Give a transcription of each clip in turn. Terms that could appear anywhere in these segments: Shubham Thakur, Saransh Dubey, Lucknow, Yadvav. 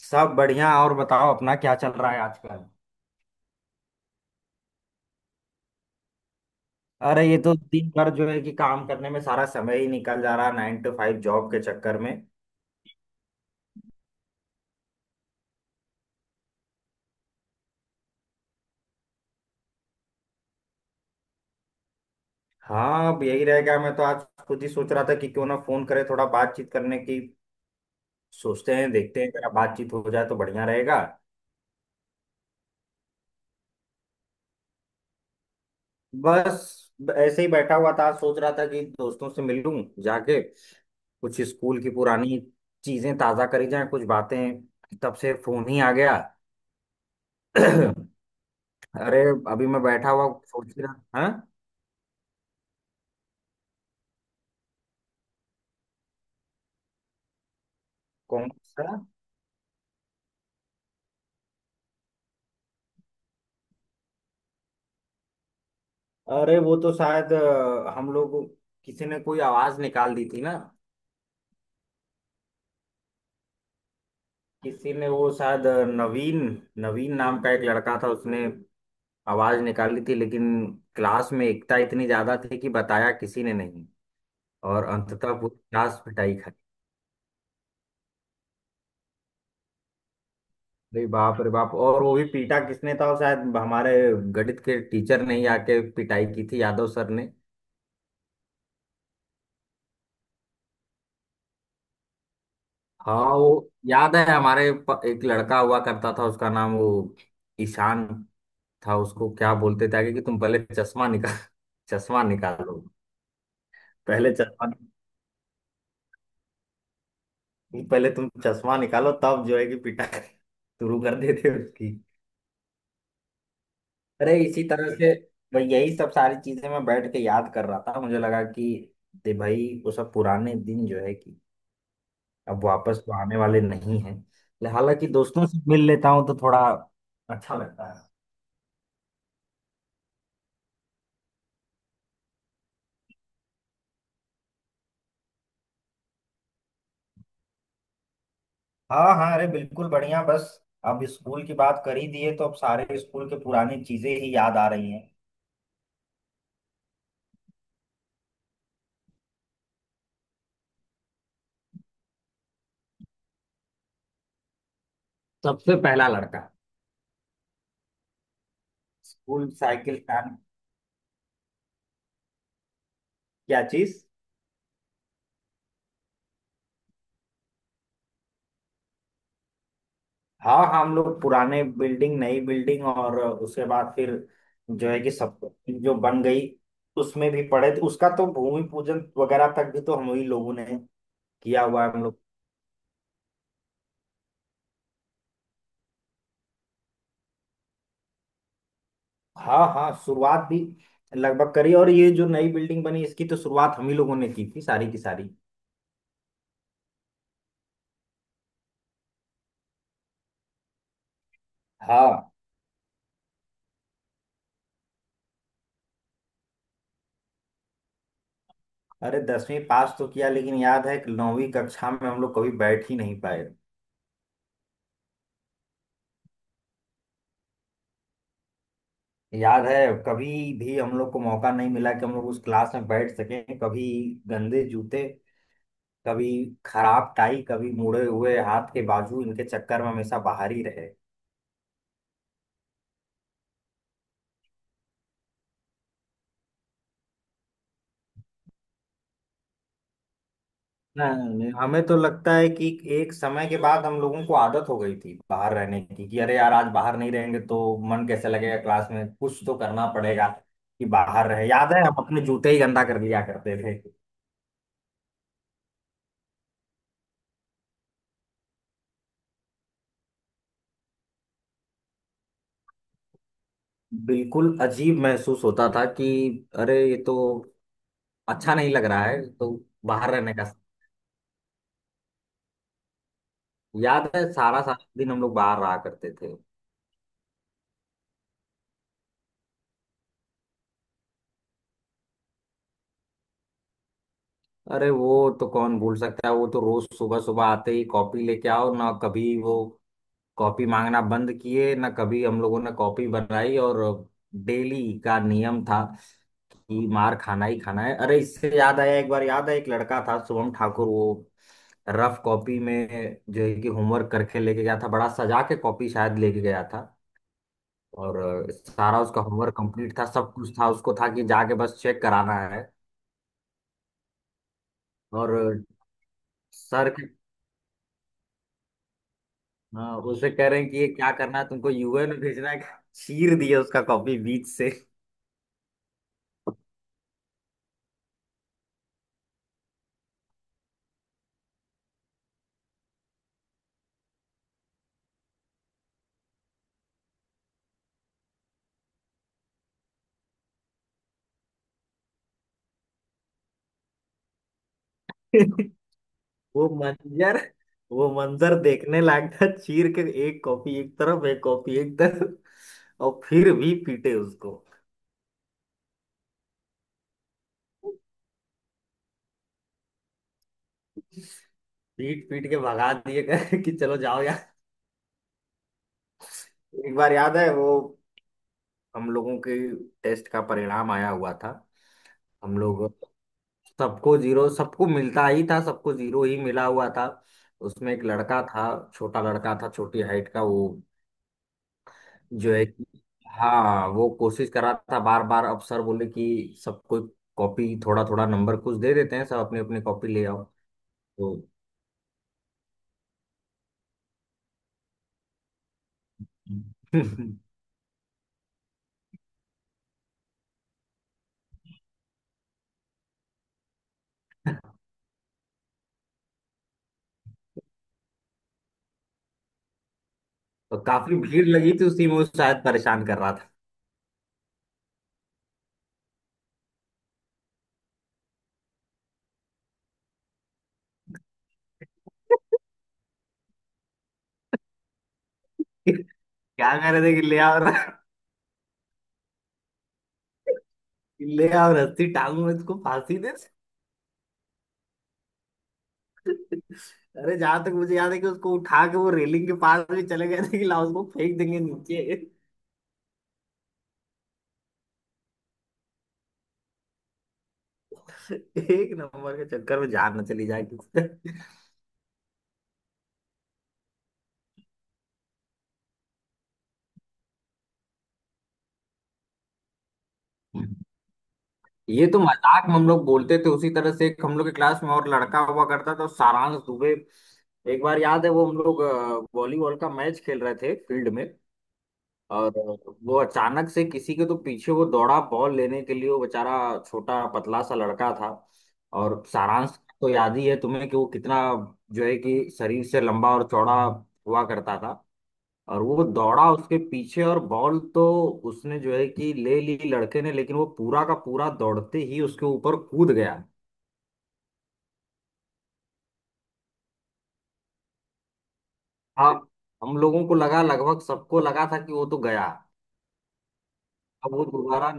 सब बढ़िया। और बताओ अपना क्या चल रहा है आजकल। अरे ये तो दिन भर जो है कि काम करने में सारा समय ही निकल जा रहा है 9 टू 5 जॉब के चक्कर में। हाँ अब यही रह गया। मैं तो आज खुद ही सोच रहा था कि क्यों ना फोन करे थोड़ा बातचीत करने की। सोचते हैं देखते हैं जरा बातचीत हो जाए तो बढ़िया रहेगा। बस ऐसे ही बैठा हुआ था सोच रहा था कि दोस्तों से मिलूं जाके कुछ स्कूल की पुरानी चीजें ताजा करी जाएं कुछ बातें। तब से फोन ही आ गया। अरे अभी मैं बैठा हुआ सोच ही रहा। हाँ। कौन सा। अरे वो तो शायद हम लोग किसी ने कोई आवाज निकाल दी थी ना। किसी ने वो शायद नवीन नवीन नाम का एक लड़का था उसने आवाज निकाली थी लेकिन क्लास में एकता इतनी ज्यादा थी कि बताया किसी ने नहीं। और अंततः पूरी क्लास पिटाई खाई। अरे बाप रे बाप। और वो भी पीटा किसने था। वो शायद हमारे गणित के टीचर ने ही आके पिटाई की थी यादव सर ने। हाँ वो याद है हमारे एक लड़का हुआ करता था उसका नाम वो ईशान था। उसको क्या बोलते थे आगे कि तुम पहले चश्मा निकाल। चश्मा निकालो। पहले चश्मा। पहले तुम चश्मा निकालो तब जो है कि पिटाई शुरू कर देते उसकी। अरे इसी तरह से भाई यही सब सारी चीजें मैं बैठ के याद कर रहा था। मुझे लगा कि दे भाई वो सब पुराने दिन जो है कि अब वापस तो आने वाले नहीं है। हालांकि दोस्तों से मिल लेता हूँ तो थोड़ा अच्छा लगता है। हाँ हाँ, अरे बिल्कुल बढ़िया। बस अब स्कूल की बात कर ही दिए तो अब सारे स्कूल के पुरानी चीजें ही याद आ रही हैं। सबसे पहला लड़का। School cycle plan. क्या चीज। हाँ हाँ, हम लोग पुराने बिल्डिंग नई बिल्डिंग और उसके बाद फिर जो है कि सब जो बन गई उसमें भी पढ़े थे। उसका तो भूमि पूजन वगैरह तक भी तो हम ही लोगों ने किया हुआ है हम लोग। हाँ हाँ शुरुआत भी लगभग करी और ये जो नई बिल्डिंग बनी इसकी तो शुरुआत हम ही लोगों ने की थी सारी की सारी। हाँ। अरे 10वीं पास तो किया लेकिन याद है कि नौवीं कक्षा में हम लोग कभी बैठ ही नहीं पाए। याद है कभी भी हम लोग को मौका नहीं मिला कि हम लोग उस क्लास में बैठ सकें। कभी गंदे जूते कभी खराब टाई कभी मुड़े हुए हाथ के बाजू इनके चक्कर में हमेशा बाहर ही रहे। नहीं, हमें तो लगता है कि एक समय के बाद हम लोगों को आदत हो गई थी बाहर रहने की कि अरे यार आज बाहर नहीं रहेंगे तो मन कैसे लगेगा क्लास में कुछ तो करना पड़ेगा कि बाहर रहे। याद है हम अपने जूते ही गंदा कर लिया करते थे। बिल्कुल अजीब महसूस होता था कि अरे ये तो अच्छा नहीं लग रहा है तो बाहर रहने का। याद है सारा सारा दिन हम लोग बाहर रहा करते थे। अरे वो तो कौन भूल सकता है। वो तो रोज सुबह सुबह आते ही कॉपी लेके आओ ना कभी वो कॉपी मांगना बंद किए ना कभी हम लोगों ने कॉपी बनाई और डेली का नियम था कि मार खाना ही खाना है। अरे इससे याद आया एक बार याद है एक लड़का था शुभम ठाकुर। वो रफ कॉपी में जो है कि होमवर्क करके लेके गया था बड़ा सजा के कॉपी शायद लेके गया था। और सारा उसका होमवर्क कंप्लीट था सब कुछ था उसको था कि जाके बस चेक कराना है। और सर के। हाँ, उसे कह रहे हैं कि ये क्या करना है तुमको यूएन में भेजना है। चीर दिया उसका कॉपी बीच से। वो मंजर। वो मंजर देखने लायक था। चीर के एक कॉपी एक तरफ एक कॉपी एक तरफ। और फिर भी पीटे उसको। पीट पीट के भगा दिए कहे कि चलो जाओ यार। एक बार याद है वो हम लोगों के टेस्ट का परिणाम आया हुआ था। हम लोग सबको जीरो सबको मिलता ही था सबको जीरो ही मिला हुआ था। उसमें एक लड़का था छोटा लड़का था छोटी हाइट का वो जो है कि हाँ वो कोशिश कर रहा था बार बार। अब सर बोले कि सब कोई कॉपी थोड़ा थोड़ा नंबर कुछ दे देते हैं सब अपने अपने कॉपी ले आओ। तो तो काफी भीड़ लगी थी उसी में वो शायद परेशान कर रहा था। क्या कह रहे थे कि ले आओ। ले आओ रस्सी टांगू में उसको फांसी दे। अरे जहां तक मुझे याद है कि उसको उठा के वो रेलिंग के पास भी चले गए थे कि लाओ उसको फेंक देंगे नीचे। एक नंबर के चक्कर में जान न चली जाए किसी से। ये तो मजाक में हम लोग बोलते थे। उसी तरह से एक हम लोग के क्लास में और लड़का हुआ करता था सारांश दुबे। एक बार याद है वो हम लोग वॉलीबॉल का मैच खेल रहे थे फील्ड में। और वो अचानक से किसी के तो पीछे वो दौड़ा बॉल लेने के लिए। वो बेचारा छोटा पतला सा लड़का था और सारांश तो याद ही है तुम्हें कि वो कितना जो है कि शरीर से लंबा और चौड़ा हुआ करता था। और वो दौड़ा उसके पीछे और बॉल तो उसने जो है कि ले ली लड़के ने लेकिन वो पूरा का पूरा दौड़ते ही उसके ऊपर कूद गया। अब हम लोगों को लगा लगभग सबको लगा था कि वो तो गया। अब वो दोबारा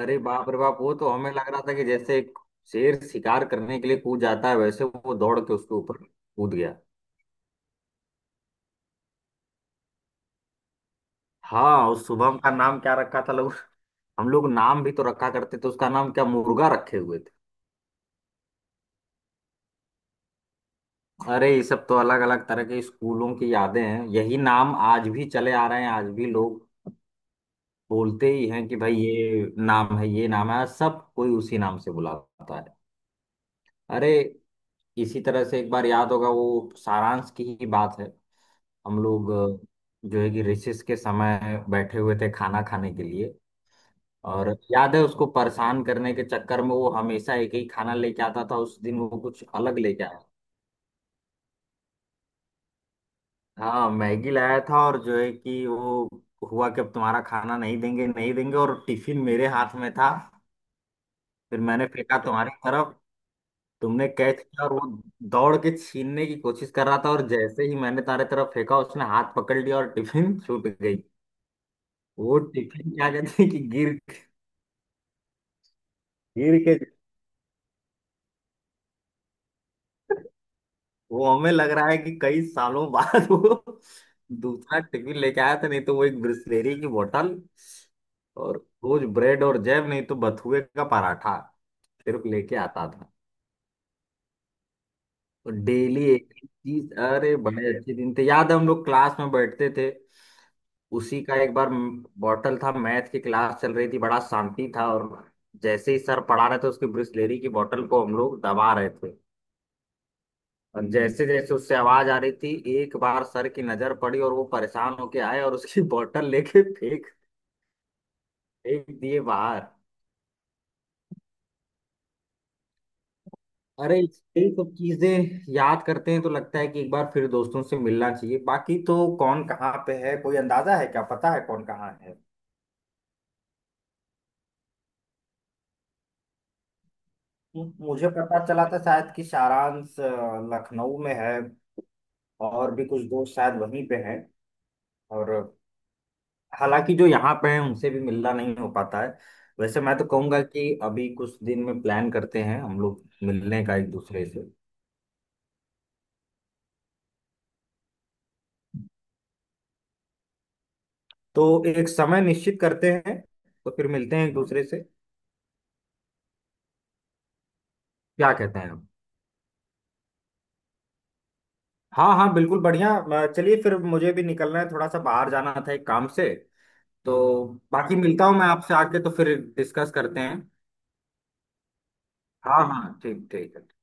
अरे बाप रे बाप। वो तो हमें लग रहा था कि जैसे एक शेर शिकार करने के लिए कूद जाता है वैसे वो दौड़ के उसके ऊपर कूद गया। हाँ उस शुभम का नाम क्या रखा था लोग। हम लोग नाम भी तो रखा करते थे। उसका नाम क्या मुर्गा रखे हुए। अरे ये सब तो अलग अलग तरह के स्कूलों की यादें हैं यही नाम आज भी चले आ रहे हैं आज भी लोग बोलते ही हैं कि भाई ये नाम है सब कोई उसी नाम से बुलाता है। अरे इसी तरह से एक बार याद होगा वो सारांश की ही बात है। हम लोग जो है कि रिसेस के समय बैठे हुए थे खाना खाने के लिए। और याद है उसको परेशान करने के चक्कर में वो हमेशा एक ही खाना लेके आता था उस दिन वो कुछ अलग लेके आया। हाँ मैगी लाया था और जो है कि वो हुआ कि अब तुम्हारा खाना नहीं देंगे नहीं देंगे और टिफिन मेरे हाथ में था। फिर मैंने फेंका तुम्हारी तरफ। तुमने कैच किया और वो दौड़ के छीनने की कोशिश कर रहा था और जैसे ही मैंने तुम्हारे तरफ फेंका उसने हाथ पकड़ लिया और टिफिन छूट गई। वो टिफिन क्या कहते हैं कि गिर गिर के वो हमें लग रहा है कि कई सालों बाद वो दूसरा टिफिन लेके आया था। नहीं तो वो एक ब्रिस्लेरी की बोतल और रोज ब्रेड और जैम नहीं तो बथुए का पराठा सिर्फ लेके आता था। और डेली एक ही चीज। अरे बड़े अच्छे दिन थे। याद है हम लोग क्लास में बैठते थे उसी का एक बार बॉटल था मैथ की क्लास चल रही थी बड़ा शांति था और जैसे ही सर पढ़ा रहे थे उसकी ब्रिस्लेरी की बोतल को हम लोग दबा रहे थे। और जैसे जैसे उससे आवाज आ रही थी एक बार सर की नजर पड़ी और वो परेशान होके आए और उसकी बोतल लेके फेंक फेंक दिए बाहर। अरे यही सब चीजें याद करते हैं तो लगता है कि एक बार फिर दोस्तों से मिलना चाहिए। बाकी तो कौन कहाँ पे है कोई अंदाजा है क्या। पता है कौन कहाँ है। मुझे पता चला था शायद कि सारांश लखनऊ में है और भी कुछ दोस्त शायद वहीं पे हैं। और हालांकि जो यहाँ पे हैं उनसे भी मिलना नहीं हो पाता है। वैसे मैं तो कहूंगा कि अभी कुछ दिन में प्लान करते हैं हम लोग मिलने का एक दूसरे से। तो एक समय निश्चित करते हैं तो फिर मिलते हैं एक दूसरे से। क्या कहते हैं हम। हाँ हाँ बिल्कुल बढ़िया चलिए फिर मुझे भी निकलना है थोड़ा सा बाहर जाना था एक काम से। तो बाकी मिलता हूँ मैं आपसे आके तो फिर डिस्कस करते हैं। हाँ हाँ ठीक ठीक है।